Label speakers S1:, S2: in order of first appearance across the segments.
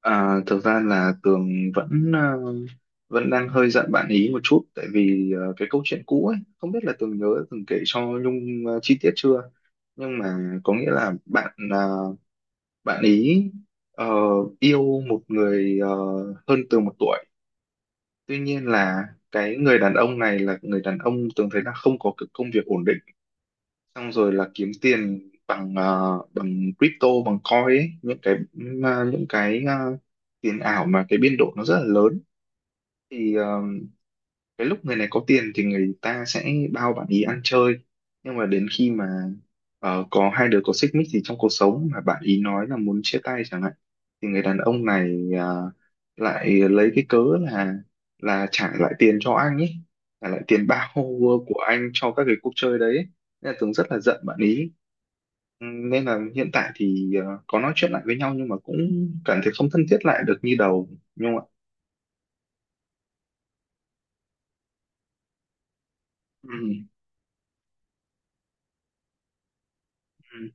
S1: À, thực ra là Tường vẫn ờ, vẫn đang hơi giận bạn ý một chút, tại vì cái câu chuyện cũ ấy không biết là Tường nhớ từng kể cho Nhung chi tiết chưa. Nhưng mà có nghĩa là bạn ý ờ, yêu một người hơn Tường một tuổi. Tuy nhiên là cái người đàn ông này là người đàn ông Tường thấy là không có cái công việc ổn định, xong rồi là kiếm tiền bằng bằng crypto, bằng coin ấy, những cái tiền ảo mà cái biên độ nó rất là lớn. Thì cái lúc người này có tiền thì người ta sẽ bao bạn ý ăn chơi, nhưng mà đến khi mà có hai đứa có xích mích gì trong cuộc sống mà bạn ý nói là muốn chia tay chẳng hạn, thì người đàn ông này lại lấy cái cớ là trả lại tiền cho anh ấy, trả lại tiền bao của anh cho các cái cuộc chơi đấy ấy. Nên là Tường rất là giận bạn ý. Ừ, nên là hiện tại thì có nói chuyện lại với nhau nhưng mà cũng cảm thấy không thân thiết lại được như đầu, nhưng mà ừ, ừ,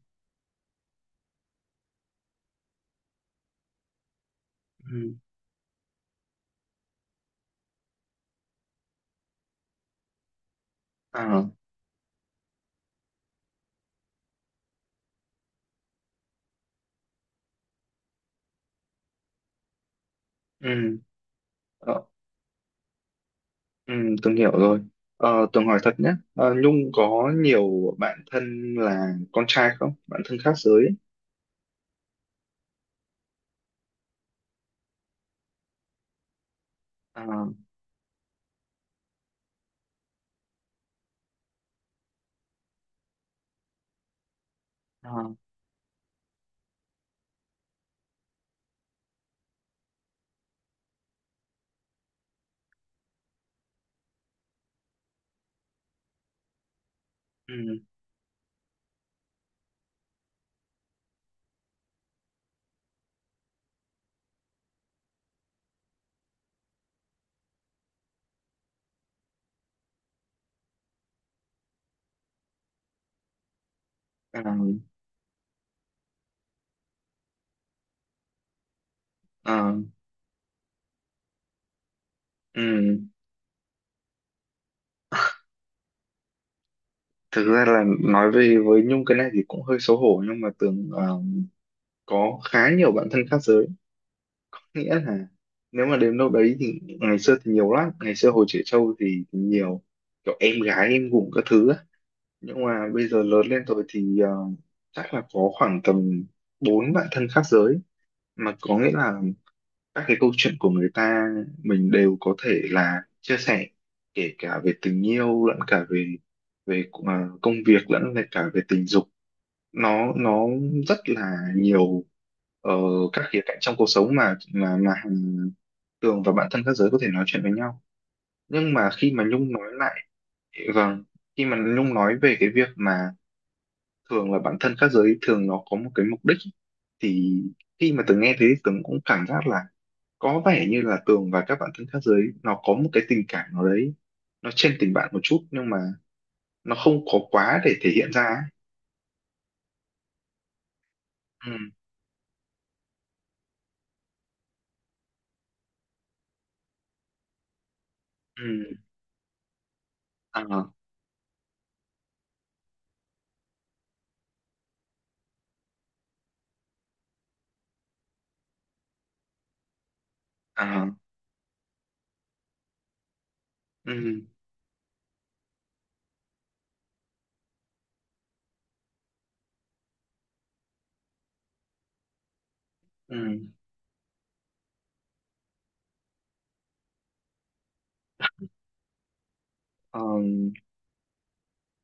S1: ừ. À, ừ, ờ, ừ, Tường hiểu rồi. Ờ, Tường hỏi thật nhé, Nhung có nhiều bạn thân là con trai không? Bạn thân khác giới ấy. Ờ, ờ, ừ, ờ, ờ, ừ. Thực ra là nói về với Nhung cái này thì cũng hơi xấu hổ, nhưng mà Tường có khá nhiều bạn thân khác giới. Nghĩa là nếu mà đến đâu đấy thì ngày xưa thì nhiều lắm, ngày xưa hồi trẻ trâu thì nhiều kiểu em gái em gủng các thứ ấy. Nhưng mà bây giờ lớn lên rồi thì chắc là có khoảng tầm bốn bạn thân khác giới, mà có nghĩa là các cái câu chuyện của người ta mình đều có thể là chia sẻ, kể cả về tình yêu lẫn cả về về ờ, công việc lẫn về cả về tình dục, nó rất là nhiều ờ, các khía cạnh trong cuộc sống mà Tường và bạn thân các giới có thể nói chuyện với nhau. Nhưng mà khi mà Nhung nói lại, vâng, khi mà Nhung nói về cái việc mà thường là bản thân các giới thường nó có một cái mục đích, thì khi mà Tường nghe thế thì Tường cũng cảm giác là có vẻ như là Tường và các bạn thân khác giới nó có một cái tình cảm nào đấy, nó trên tình bạn một chút, nhưng mà nó không có quá để thể hiện ra ấy. Ừ, ừ, à, à, ừ, ừ, ờ,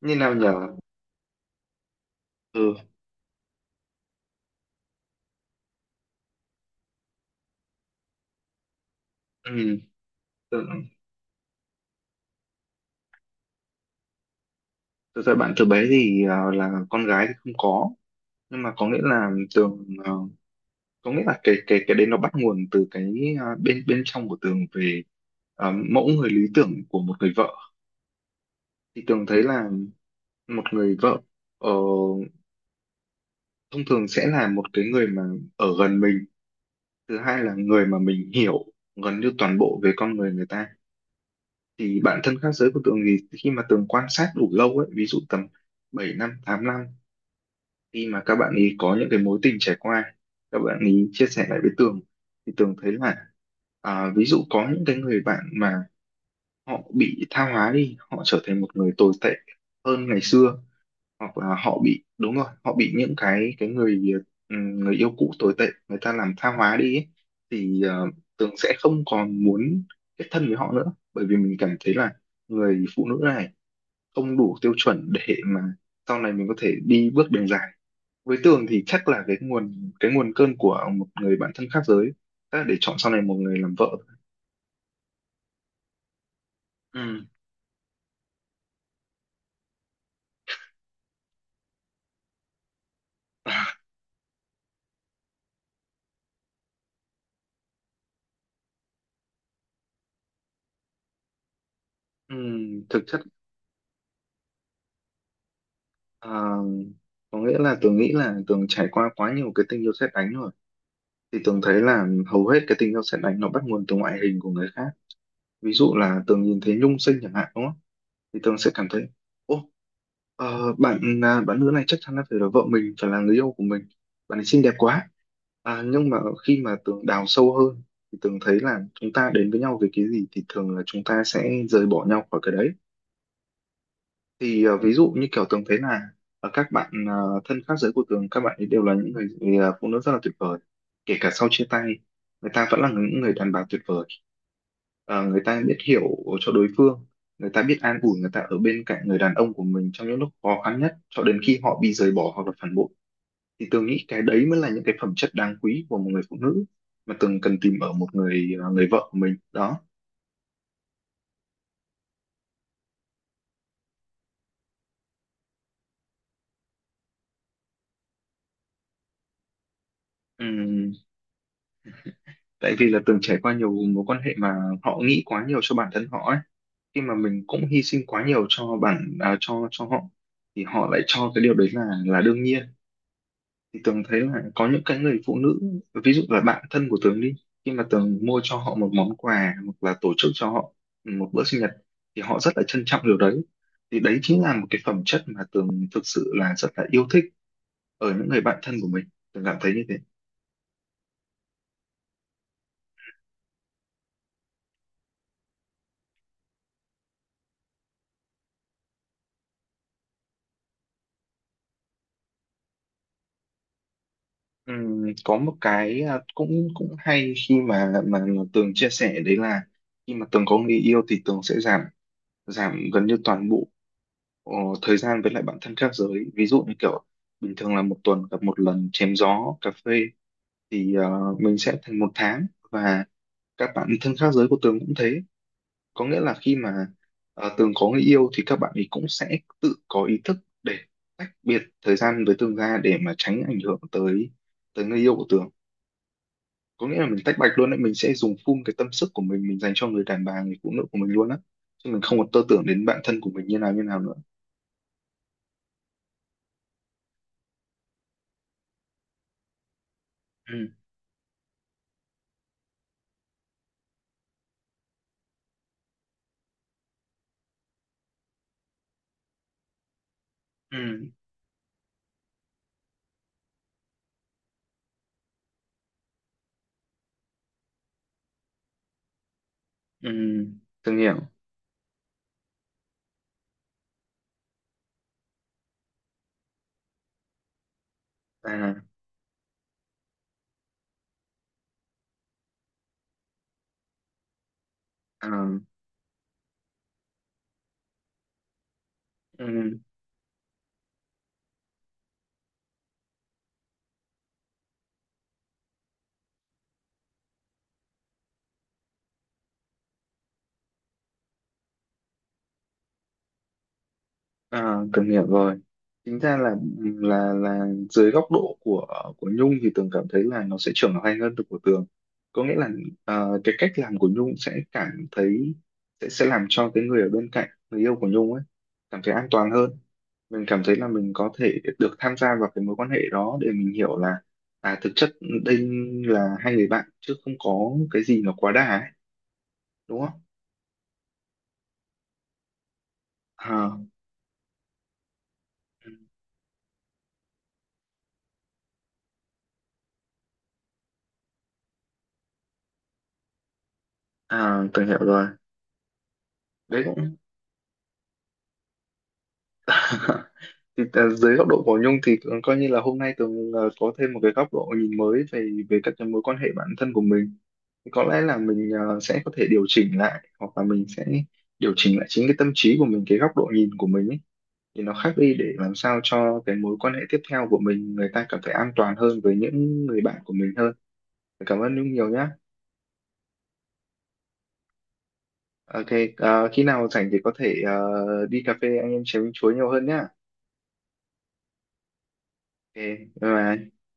S1: như nào nhở? Ừ, ừ. Tường- Thực ra bạn từ bé thì là con gái thì không có, nhưng mà có nghĩa là cái đấy nó bắt nguồn từ cái bên bên trong của Tường về mẫu người lý tưởng của một người vợ. Thì Tường thấy là một người vợ ờ, thông thường sẽ là một cái người mà ở gần mình, thứ hai là người mà mình hiểu gần như toàn bộ về con người người ta. Thì bản thân khác giới của Tường thì khi mà Tường quan sát đủ lâu ấy, ví dụ tầm 7 năm 8 năm, khi mà các bạn ấy có những cái mối tình trải qua, các bạn ấy chia sẻ lại với Tường, thì Tường thấy là, à, ví dụ có những cái người bạn mà họ bị tha hóa đi, họ trở thành một người tồi tệ hơn ngày xưa, hoặc là họ bị những cái người người yêu cũ tồi tệ người ta làm tha hóa đi ấy. Thì Tường sẽ không còn muốn kết thân với họ nữa, bởi vì mình cảm thấy là người phụ nữ này không đủ tiêu chuẩn để mà sau này mình có thể đi bước đường dài. Với Tường thì chắc là cái nguồn cơn của một người bạn thân khác giới chắc là để chọn sau này một người làm vợ. Ừm, thực chất. À, có nghĩa là Tường nghĩ là Tường trải qua quá nhiều cái tình yêu sét đánh rồi, thì Tường thấy là hầu hết cái tình yêu sét đánh nó bắt nguồn từ ngoại hình của người khác. Ví dụ là Tường nhìn thấy Nhung xinh chẳng hạn, đúng không, thì Tường sẽ cảm thấy, ô, bạn nữ này chắc chắn là phải là vợ mình, phải là người yêu của mình, bạn ấy xinh đẹp quá. À, nhưng mà khi mà Tường đào sâu hơn thì Tường thấy là chúng ta đến với nhau về cái gì thì thường là chúng ta sẽ rời bỏ nhau khỏi cái đấy. Thì ví dụ như kiểu Tường thấy là các bạn thân khác giới của Tường, các bạn ấy đều là những người phụ nữ rất là tuyệt vời. Kể cả sau chia tay, người ta vẫn là những người đàn bà tuyệt vời. Ờ, người ta biết hiểu cho đối phương, người ta biết an ủi, người ta ở bên cạnh người đàn ông của mình trong những lúc khó khăn nhất, cho đến khi họ bị rời bỏ hoặc là phản bội. Thì Tường nghĩ cái đấy mới là những cái phẩm chất đáng quý của một người phụ nữ mà Tường cần tìm ở một người vợ của mình đó. Ừm, tại vì là Tường trải qua nhiều mối quan hệ mà họ nghĩ quá nhiều cho bản thân họ ấy, khi mà mình cũng hy sinh quá nhiều cho cho họ, thì họ lại cho cái điều đấy là đương nhiên. Thì Tường thấy là có những cái người phụ nữ, ví dụ là bạn thân của Tường đi, khi mà Tường mua cho họ một món quà hoặc là tổ chức cho họ một bữa sinh nhật, thì họ rất là trân trọng điều đấy. Thì đấy chính là một cái phẩm chất mà Tường thực sự là rất là yêu thích ở những người bạn thân của mình. Tường cảm thấy như thế. Có một cái, cũng cũng hay khi mà Tường chia sẻ đấy là, khi mà Tường có người yêu thì Tường sẽ giảm giảm gần như toàn bộ ờ, thời gian với lại bạn thân khác giới. Ví dụ như kiểu bình thường là một tuần gặp một lần chém gió cà phê, thì mình sẽ thành một tháng. Và các bạn thân khác giới của Tường cũng thế, có nghĩa là khi mà Tường có người yêu thì các bạn ấy cũng sẽ tự có ý thức để tách biệt thời gian với Tường ra, để mà tránh ảnh hưởng tới tới người yêu của Tường. Có nghĩa là mình tách bạch luôn đấy, mình sẽ dùng full cái tâm sức của mình dành cho người đàn bà, người phụ nữ của mình luôn á, chứ mình không còn tơ tưởng đến bạn thân của mình như nào nữa. Ừ, ừ, ừ, từng hiểu. À, à, ừ, à, từng hiểu rồi. Chính ra là dưới góc độ của Nhung thì Tường cảm thấy là nó sẽ trưởng thành hơn được của Tường. Có nghĩa là cái cách làm của Nhung sẽ cảm thấy, sẽ làm cho cái người ở bên cạnh người yêu của Nhung ấy cảm thấy an toàn hơn. Mình cảm thấy là mình có thể được tham gia vào cái mối quan hệ đó, để mình hiểu là, à, thực chất đây là hai người bạn chứ không có cái gì nó quá đà ấy, đúng không? À. À, Tường hiểu rồi. Đấy cũng thì, dưới góc độ của Nhung thì cũng coi như là hôm nay Tường có thêm một cái góc độ nhìn mới về về các cái mối quan hệ bản thân của mình. Thì có lẽ là mình sẽ có thể điều chỉnh lại, hoặc là mình sẽ điều chỉnh lại chính cái tâm trí của mình, cái góc độ nhìn của mình ấy. Thì nó khác đi để làm sao cho cái mối quan hệ tiếp theo của mình, người ta cảm thấy an toàn hơn với những người bạn của mình hơn. Cảm ơn Nhung nhiều nhá. Ok, khi nào rảnh thì có thể đi cà phê anh em chém chuối nhiều hơn nhá. Ok, bye bye.